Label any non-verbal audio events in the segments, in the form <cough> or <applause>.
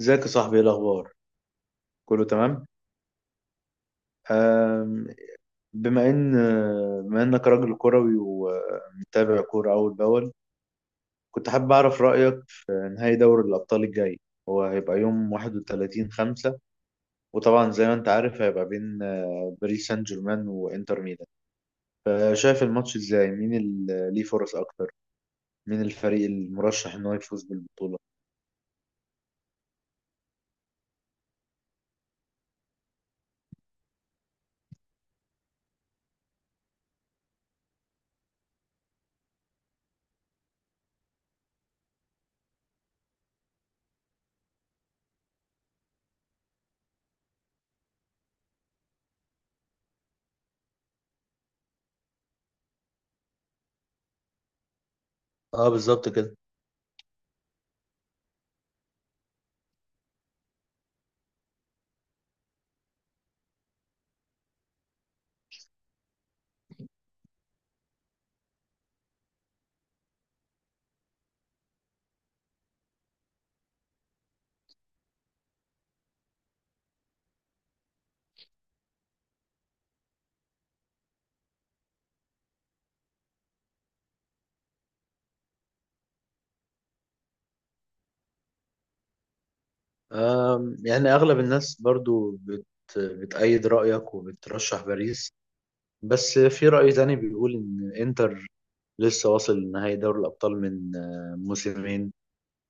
ازيك يا صاحبي، ايه الاخبار؟ كله تمام. أم، بما ان بما انك راجل كروي ومتابع كوره اول باول، كنت حابب اعرف رايك في نهائي دوري الابطال الجاي. هو هيبقى يوم 31 5، وطبعا زي ما انت عارف هيبقى بين باريس سان جيرمان وانتر ميلان. شايف الماتش ازاي؟ مين اللي ليه فرص اكتر؟ مين الفريق المرشح ان هو يفوز بالبطوله؟ اه، بالظبط كده. يعني اغلب الناس برضو بتأيد رأيك وبترشح باريس، بس في رأي تاني بيقول إن إنتر لسه واصل لنهائي دوري الأبطال من موسمين،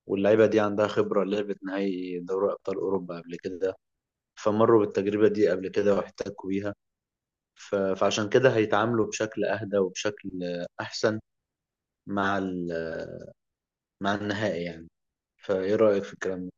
واللعيبة دي عندها خبرة، لعبت نهائي دوري أبطال أوروبا قبل كده، فمروا بالتجربة دي قبل كده واحتكوا بيها. فعشان كده هيتعاملوا بشكل أهدى وبشكل أحسن مع مع النهائي يعني. فإيه رأيك في الكلام ده؟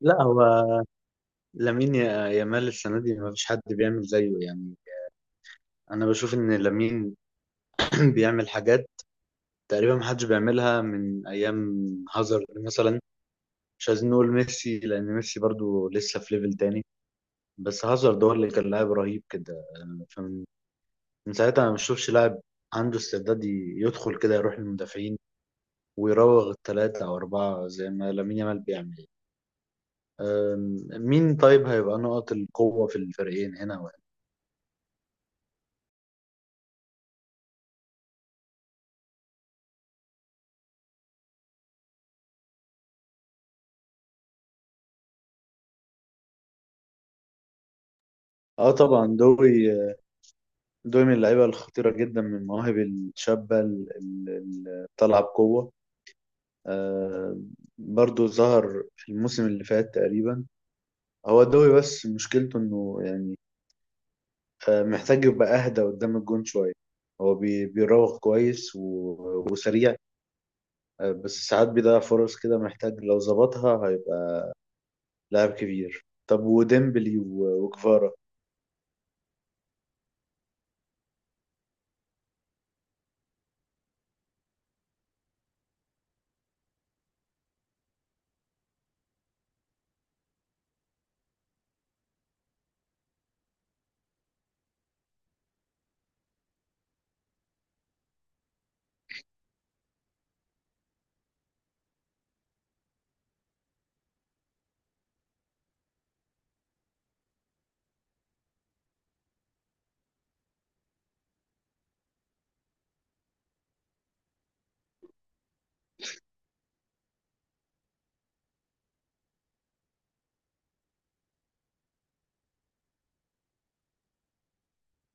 لا، هو يامال السنة دي ما فيش حد بيعمل زيه يعني. أنا بشوف إن لامين <clears throat> بيعمل حاجات تقريبا محدش بيعملها من ايام هازارد مثلا. مش عايزين نقول ميسي لان ميسي برضو لسه في ليفل تاني، بس هازارد هو اللي كان لاعب رهيب كده. فمن ساعتها انا ما بشوفش لاعب عنده استعداد يدخل كده، يروح للمدافعين ويراوغ الثلاثة او اربعة زي ما لامين يامال بيعمل. مين طيب هيبقى نقط القوة في الفريقين، هنا وهنا؟ اه طبعا، دوي. دوي من اللعيبة الخطيرة جدا، من المواهب الشابة اللي طالعة بقوة. آه، برضو ظهر في الموسم اللي فات تقريبا هو الدوري، بس مشكلته انه يعني آه، محتاج يبقى اهدى قدام الجون شوية. هو بيراوغ كويس وسريع، آه، بس ساعات بيضيع فرص كده. محتاج لو ظبطها هيبقى لاعب كبير. طب وديمبلي وكفارا؟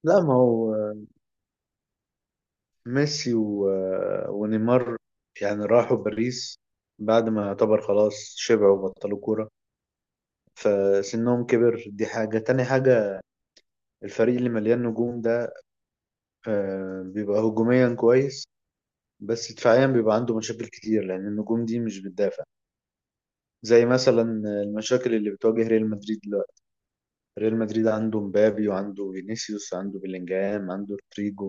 لا ما هو ميسي ونيمار يعني راحوا باريس بعد ما يعتبر خلاص شبعوا وبطلوا كورة، فسنهم كبر، دي حاجة. تاني حاجة، الفريق اللي مليان نجوم ده بيبقى هجوميا كويس، بس دفاعيا بيبقى عنده مشاكل كتير، لأن النجوم دي مش بتدافع. زي مثلا المشاكل اللي بتواجه ريال مدريد دلوقتي. ريال مدريد عنده مبابي، وعنده فينيسيوس، عنده بيلينجهام، عنده رودريجو،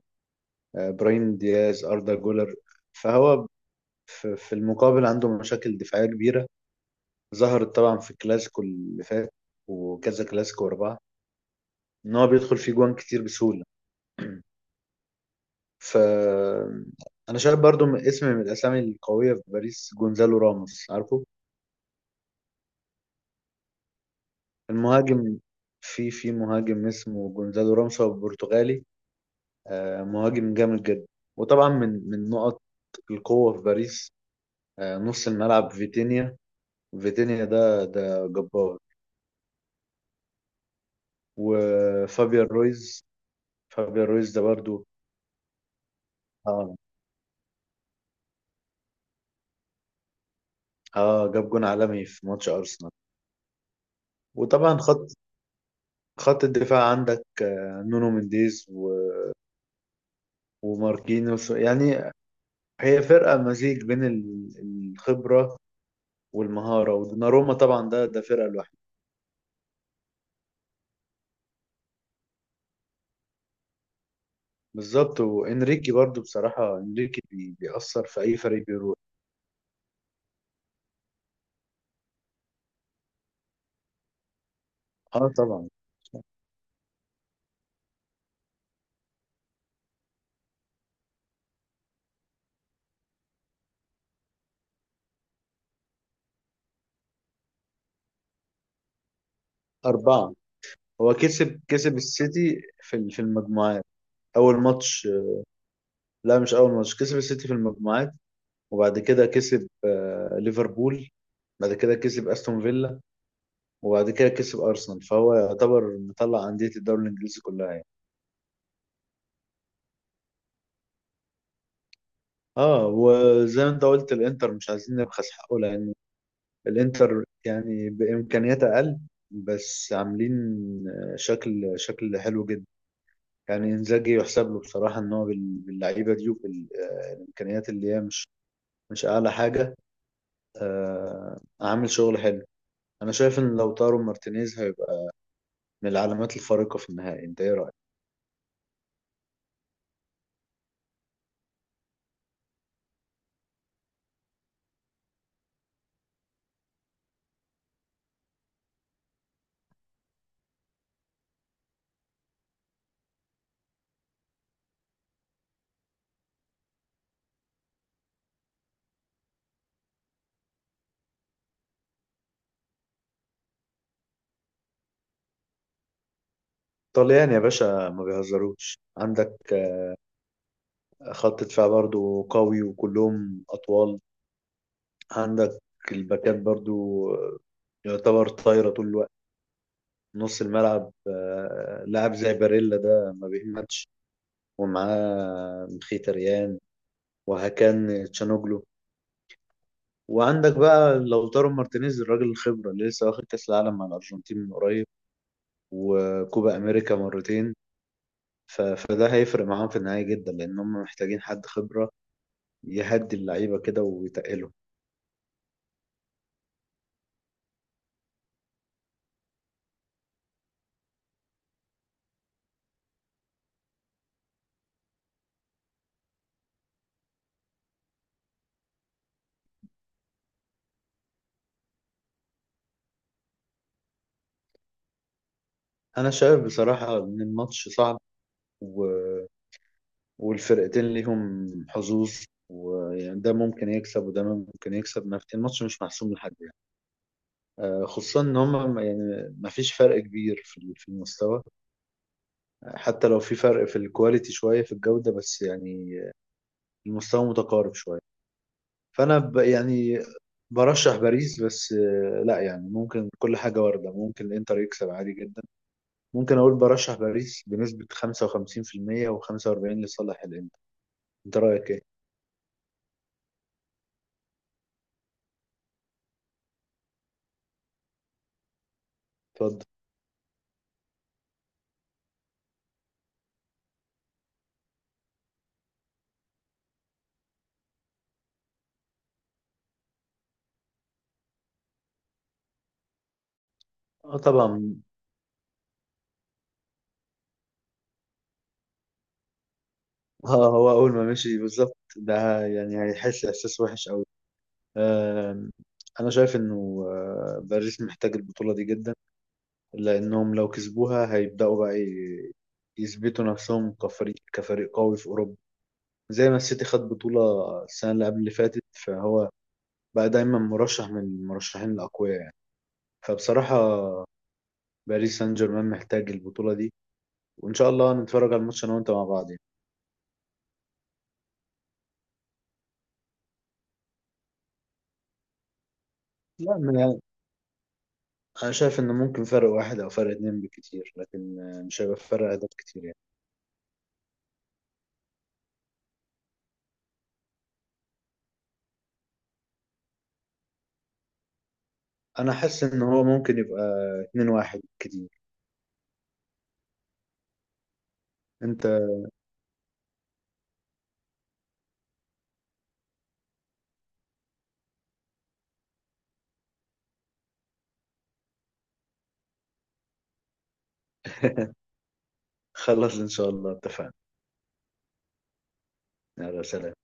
براين دياز، أردا جولر. فهو في المقابل عنده مشاكل دفاعية كبيرة، ظهرت طبعا في الكلاسيكو اللي فات وكذا كلاسيكو ورا بعض. إن هو بيدخل فيه جوان كتير بسهولة. <clears throat> ف، انا شايف برضو من اسم، من الاسامي القويه في باريس، جونزالو راموس عارفه، المهاجم. في مهاجم اسمه جونزالو راموس، هو برتغالي، مهاجم جامد جدا. وطبعا من نقط القوه في باريس نص الملعب، فيتينيا. فيتينيا ده جبار. وفابيان رويز، فابيان رويز ده برضو. اه اه جاب جون عالمي في ماتش ارسنال. وطبعا خط الدفاع، عندك نونو مينديز وماركينوس يعني. هي فرقة مزيج بين الخبرة والمهارة، ودوناروما طبعا ده فرقة لوحده. بالظبط. وانريكي برضو، بصراحة انريكي بيأثر في أي فريق بيروح. اه طبعا. أربعة. هو كسب السيتي في في المجموعات. أول ماتش، لا مش أول ماتش، كسب السيتي في المجموعات، وبعد كده كسب ليفربول، بعد كده كسب أستون فيلا، وبعد كده كسب أرسنال. فهو يعتبر مطلع أندية الدوري الإنجليزي كلها يعني. اه، وزي ما انت قلت الانتر مش عايزين نبخس حقه، لان الانتر يعني بامكانيات اقل، بس عاملين شكل حلو جدا. يعني انزاجي يحسب له بصراحه، ان هو باللعيبه دي، وبالامكانيات اللي هي مش مش اعلى حاجه، آه، عامل شغل حلو. انا شايف ان لو طاروا مارتينيز هيبقى من العلامات الفارقه في النهائي. انت ايه رايك؟ طليان يا باشا، ما بيهزروش. عندك خط دفاع برضو قوي وكلهم اطوال، عندك الباكات برضو آه، يعتبر طايرة طول الوقت. نص الملعب لاعب زي باريلا ده ما بيهمتش، ومعاه مخيتاريان، وهكان تشانوجلو. وعندك بقى لوتارو مارتينيز، الراجل الخبرة اللي لسه واخد كأس العالم مع الأرجنتين من قريب، وكوبا أمريكا مرتين. فده هيفرق معاهم في النهاية جدا، لأن هم محتاجين حد خبرة يهدي اللعيبة كده ويتقلهم. أنا شايف بصراحة إن الماتش صعب، و... والفرقتين ليهم حظوظ، ويعني ده ممكن يكسب وده ممكن يكسب. ما في- الماتش مش محسوم لحد يعني، خصوصا ان هم يعني ما فيش فرق كبير في في المستوى، حتى لو في فرق في الكواليتي شويه، في الجوده، بس يعني المستوى متقارب شويه. فانا ب، يعني برشح باريس، بس لا يعني ممكن كل حاجه وارده، ممكن الانتر يكسب عادي جدا. ممكن اقول برشح باريس بنسبه 55% و45 لصالح الانتر. انت رايك ايه؟ اتفضل. اه طبعا. اه، هو اول ما مشي بالظبط، ده يعني هيحس احساس وحش قوي. آم، انا شايف انه باريس محتاج البطولة دي جدا، لانهم لو كسبوها هيبدأوا بقى يثبتوا نفسهم كفريق قوي في اوروبا. زي ما السيتي خد بطولة السنة اللي قبل اللي فاتت، فهو بقى دايما مرشح من المرشحين الاقوياء يعني. فبصراحة باريس سان جيرمان محتاج البطولة دي، وان شاء الله نتفرج على الماتش انا وانت مع بعض يعني. لا، انا شايف ان ممكن فرق واحد او فرق اتنين بكتير، لكن مش هيبقى فرق اهداف كتير يعني. انا حاسس ان هو ممكن يبقى اتنين واحد كتير. انت <laughs> خلص ان شاء الله، اتفقنا. يلا سلام.